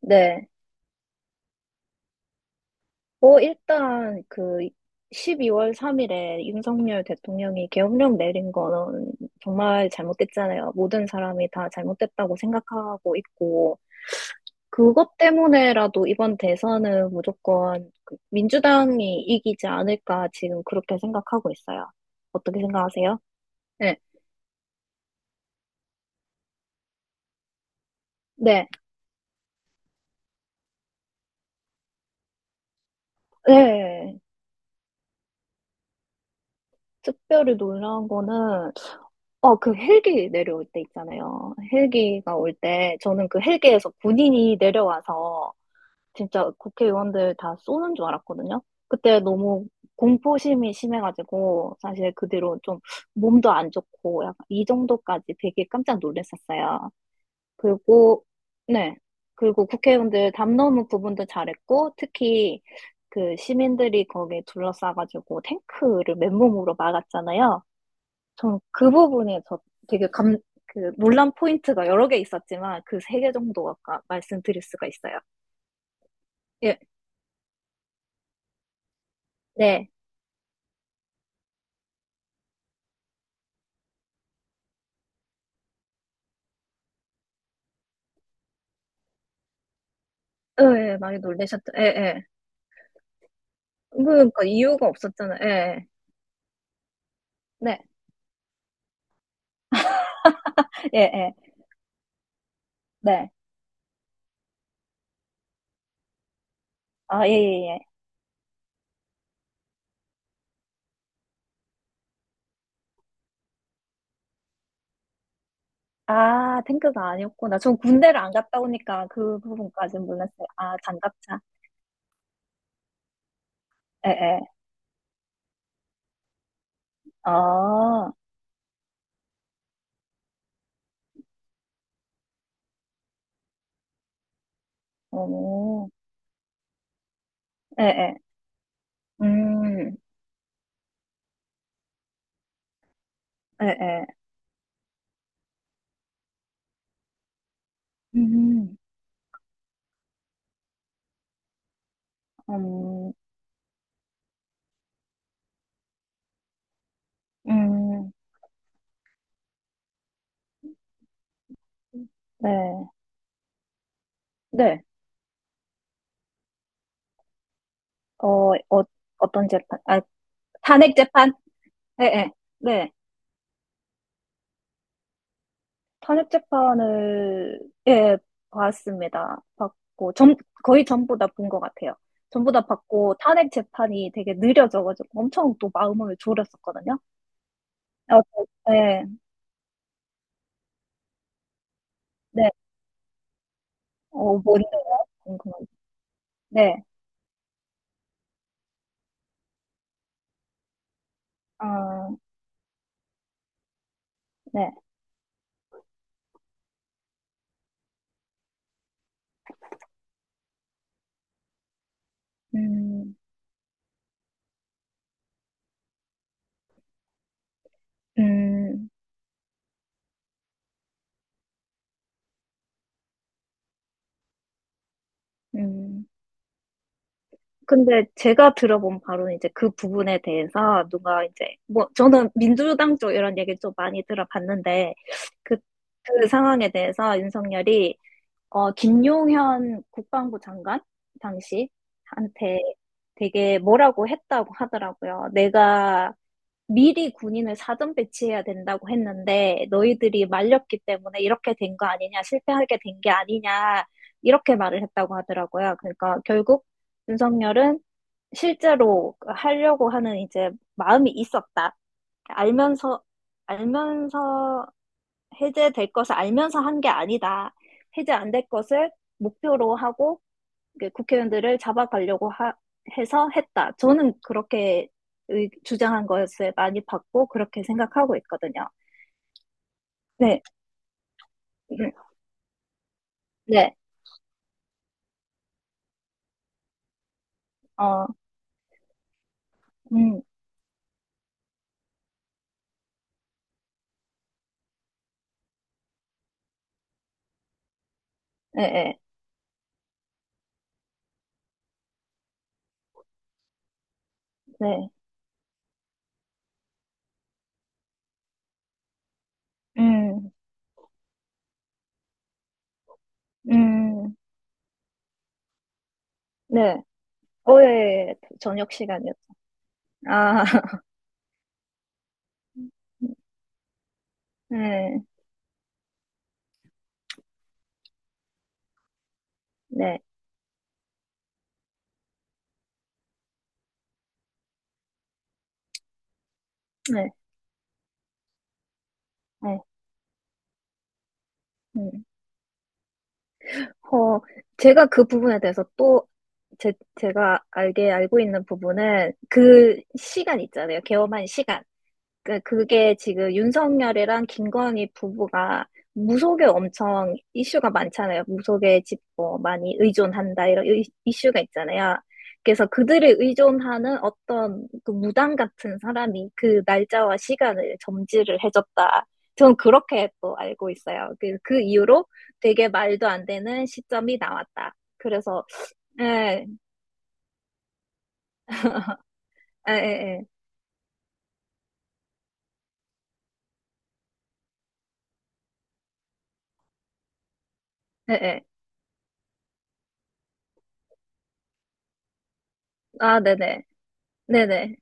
네. 뭐, 일단, 그, 12월 3일에 윤석열 대통령이 계엄령 내린 거는 정말 잘못됐잖아요. 모든 사람이 다 잘못됐다고 생각하고 있고, 그것 때문에라도 이번 대선은 무조건 그 민주당이 이기지 않을까 지금 그렇게 생각하고 있어요. 어떻게 생각하세요? 네. 네. 네. 특별히 놀라운 거는 그 헬기 내려올 때 있잖아요. 헬기가 올 때, 저는 그 헬기에서 군인이 내려와서 진짜 국회의원들 다 쏘는 줄 알았거든요. 그때 너무 공포심이 심해가지고, 사실 그 뒤로 좀 몸도 안 좋고, 약간 이 정도까지 되게 깜짝 놀랐었어요. 그리고, 네. 그리고 국회의원들 담 넘은 부분도 잘했고, 특히 그 시민들이 거기에 둘러싸가지고 탱크를 맨몸으로 막았잖아요. 전 그 부분에 저 되게 감, 그 논란 포인트가 여러 개 있었지만 그 세 개 정도 아까 말씀드릴 수가 있어요. 예, 네. 어, 예, 예, 많이 놀라셨죠? 예, 예. 그러니까 이유가 없었잖아요. 예, 예. 네, 예, 예. 네. 아, 예, 예, 예. 아, 탱크가 아니었구나. 전 군대를 안 갔다 오니까 그 부분까지는 몰랐어요. 아, 장갑차. 예, 예. 아, 오. 예, 예. 음, 예, 예. 음, 음, 음. 네. 네. 어, 어, 어떤 재판? 아, 탄핵 재판? 예, 예. 네. 탄핵 재판을, 예, 봤습니다. 봤고, 전, 거의 전부 다 본 것 같아요. 전부 다 봤고, 탄핵 재판이 되게 느려져가지고 엄청 또 마음을 졸였었거든요. 저- 네, 네. 뭔데요? 궁금한. 네. 아, 네. 음, 음, 음. 근데 제가 들어본 바로는 이제 그 부분에 대해서 누가 이제 뭐 저는 민주당 쪽 이런 얘기 좀 많이 들어봤는데 그, 그 상황에 대해서 윤석열이 김용현 국방부 장관 당시 한테 되게 뭐라고 했다고 하더라고요. 내가 미리 군인을 사전 배치해야 된다고 했는데 너희들이 말렸기 때문에 이렇게 된 거 아니냐, 실패하게 된 게 아니냐 이렇게 말을 했다고 하더라고요. 그러니까 결국 윤석열은 실제로 하려고 하는 이제 마음이 있었다. 알면서, 알면서 해제될 것을 알면서 한 게 아니다. 해제 안 될 것을 목표로 하고 이게 국회의원들을 잡아가려고 하- 해서 했다. 저는 그렇게 의- 주장한 것을 많이 봤고, 그렇게 생각하고 있거든요. 네, 음, 네, 어, 음, 네, 네, 네, 음, 음, 네. 어, 예, 예. 예. 저녁 시간이었죠. 아. 네, 네, 네, 네, 음. 어, 제가 그 부분에 대해서 또 제, 제가 알게 알고 있는 부분은 그 시간 있잖아요. 개엄한 시간. 그게 지금 윤석열이랑 김건희 부부가 무속에 엄청 이슈가 많잖아요. 무속에 집, 뭐, 많이 의존한다, 이런 이- 이슈가 있잖아요. 그래서 그들을 의존하는 어떤 그 무당 같은 사람이 그 날짜와 시간을 점지를 해줬다. 저는 그렇게 또 알고 있어요. 그, 그 이후로 되게 말도 안 되는 시점이 나왔다. 그래서, 예, 예, 예, 예, 예. 예. 아, 네네. 네네.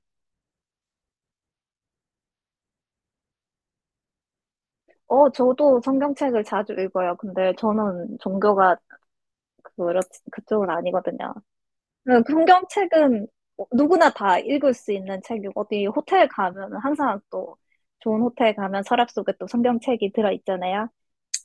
저도 성경책을 자주 읽어요. 근데 저는 종교가 그렇, 그쪽은 아니거든요. 네, 성경책은 누구나 다 읽을 수 있는 책이고, 어디 호텔 가면 은 항상 또 좋은 호텔 가면 서랍 속에 또 성경책이 들어있잖아요.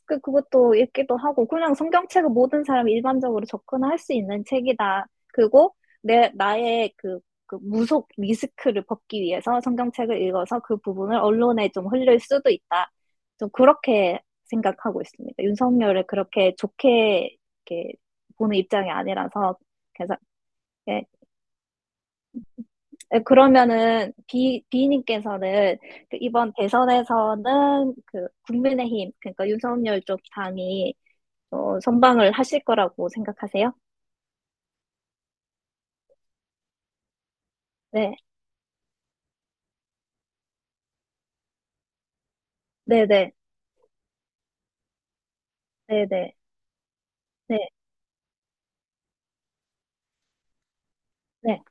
그것도 읽기도 하고, 그냥 성경책은 모든 사람이 일반적으로 접근할 수 있는 책이다. 그리고 나의 그, 그 무속 리스크를 벗기 위해서 성경책을 읽어서 그 부분을 언론에 좀 흘릴 수도 있다. 좀 그렇게 생각하고 있습니다. 윤석열을 그렇게 좋게 이렇게 보는 입장이 아니라서, 그래서, 예. 예, 그러면은 비 비님께서는 그 이번 대선에서는 그 국민의힘 그러니까 윤석열 쪽 당이 선방을 하실 거라고 생각하세요? 네, 네, 네, 네, 네, 네, 네,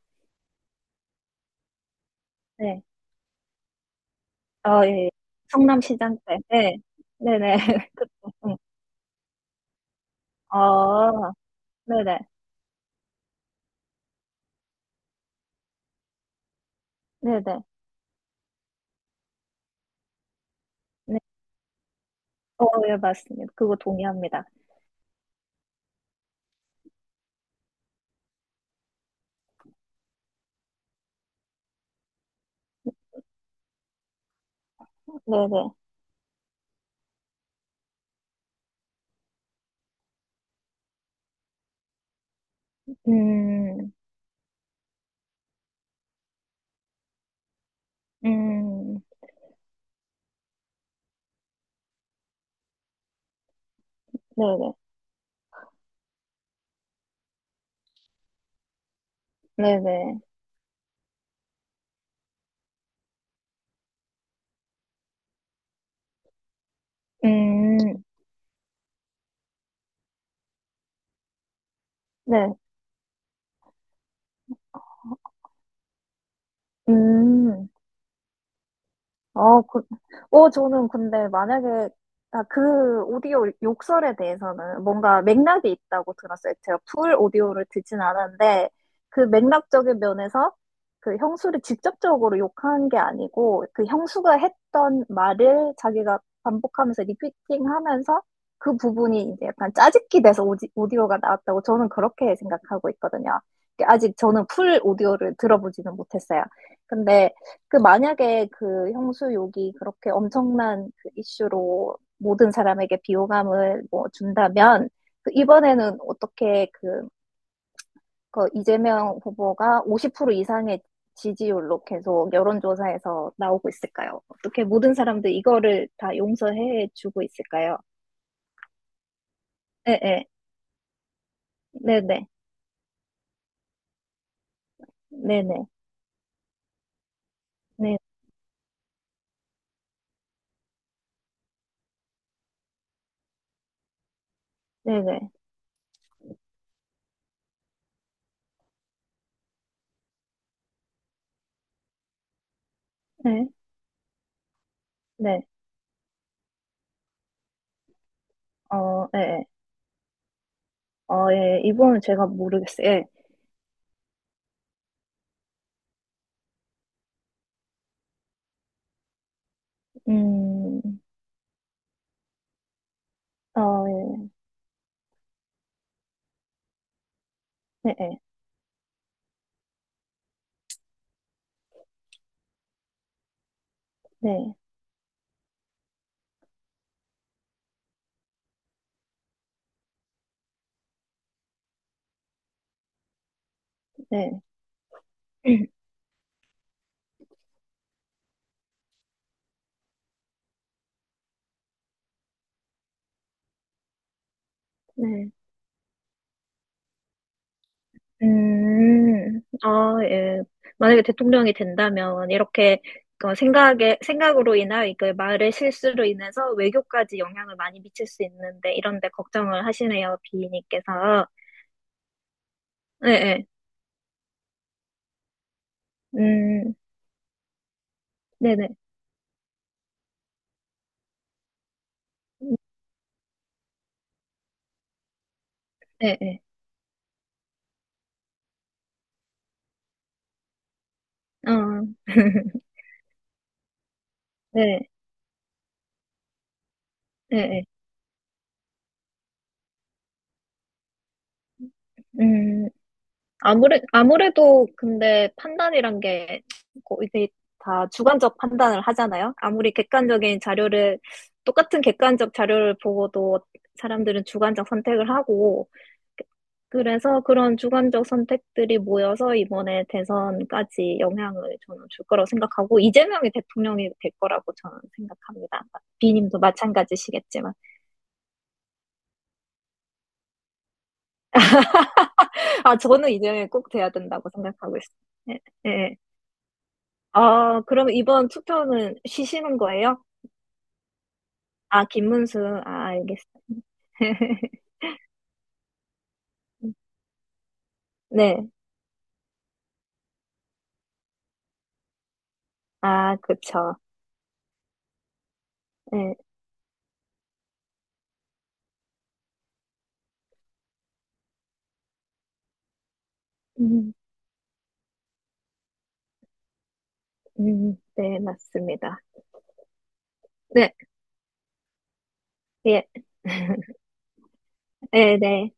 네. 어, 예, 예. 성남시장 때, 네, 네, 네, 그쵸. 응. 어, 네, 네, 네, 네, 네. 어, 예, 맞습니다. 그거 동의합니다. 네, 네, 음, 음, 네, 네, 네, 네, 음, 네, 음. 어, 그, 저는 근데 만약에, 아, 그 오디오 욕설에 대해서는 뭔가 맥락이 있다고 들었어요. 제가 풀 오디오를 듣진 않았는데, 그 맥락적인 면에서 그 형수를 직접적으로 욕한 게 아니고, 그 형수가 했던 말을 자기가 반복하면서 리피팅 하면서 그 부분이 이제 약간 짜깁기 돼서 오디오가 나왔다고 저는 그렇게 생각하고 있거든요. 아직 저는 풀 오디오를 들어보지는 못했어요. 근데 그 만약에 그 형수욕이 그렇게 엄청난 그 이슈로 모든 사람에게 비호감을 뭐 준다면 그 이번에는 어떻게 그, 그 이재명 후보가 50% 이상의 지지율로 계속 여론조사에서 나오고 있을까요? 어떻게 모든 사람들 이거를 다 용서해 주고 있을까요? 네, 네, 네, 네, 네, 네, 네, 네, 네, 네, 네, 어, 네, 네. 어, 예, 예. 이번은 제가 모르겠어요. 예, 음, 어, 예, 네, 네, 네. 네. 네. 아, 예. 만약에 대통령이 된다면, 이렇게, 생각으로 인하그 말의 실수로 인해서 외교까지 영향을 많이 미칠 수 있는데, 이런데 걱정을 하시네요, 비님께서. 네, 네. 음, 네네. 네, 네. 음. 네. 예. 어, 네, 네, 네. 음. 아무래도 근데 판단이란 게 고- 이게 다 주관적 판단을 하잖아요. 아무리 객관적인 자료를, 똑같은 객관적 자료를 보고도 사람들은 주관적 선택을 하고, 그래서 그런 주관적 선택들이 모여서 이번에 대선까지 영향을 저는 줄 거라고 생각하고, 이재명이 대통령이 될 거라고 저는 생각합니다. 비님도 마찬가지시겠지만. 아, 저는 이재명이 꼭 돼야 된다고 생각하고 있습니다. 예, 예. 아, 그럼 이번 투표는 쉬시는 거예요? 아, 김문수. 아, 알겠어요. 네. 아, 그쵸. 네. 음, 네, 맞습니다. 네, 예. 네, 네.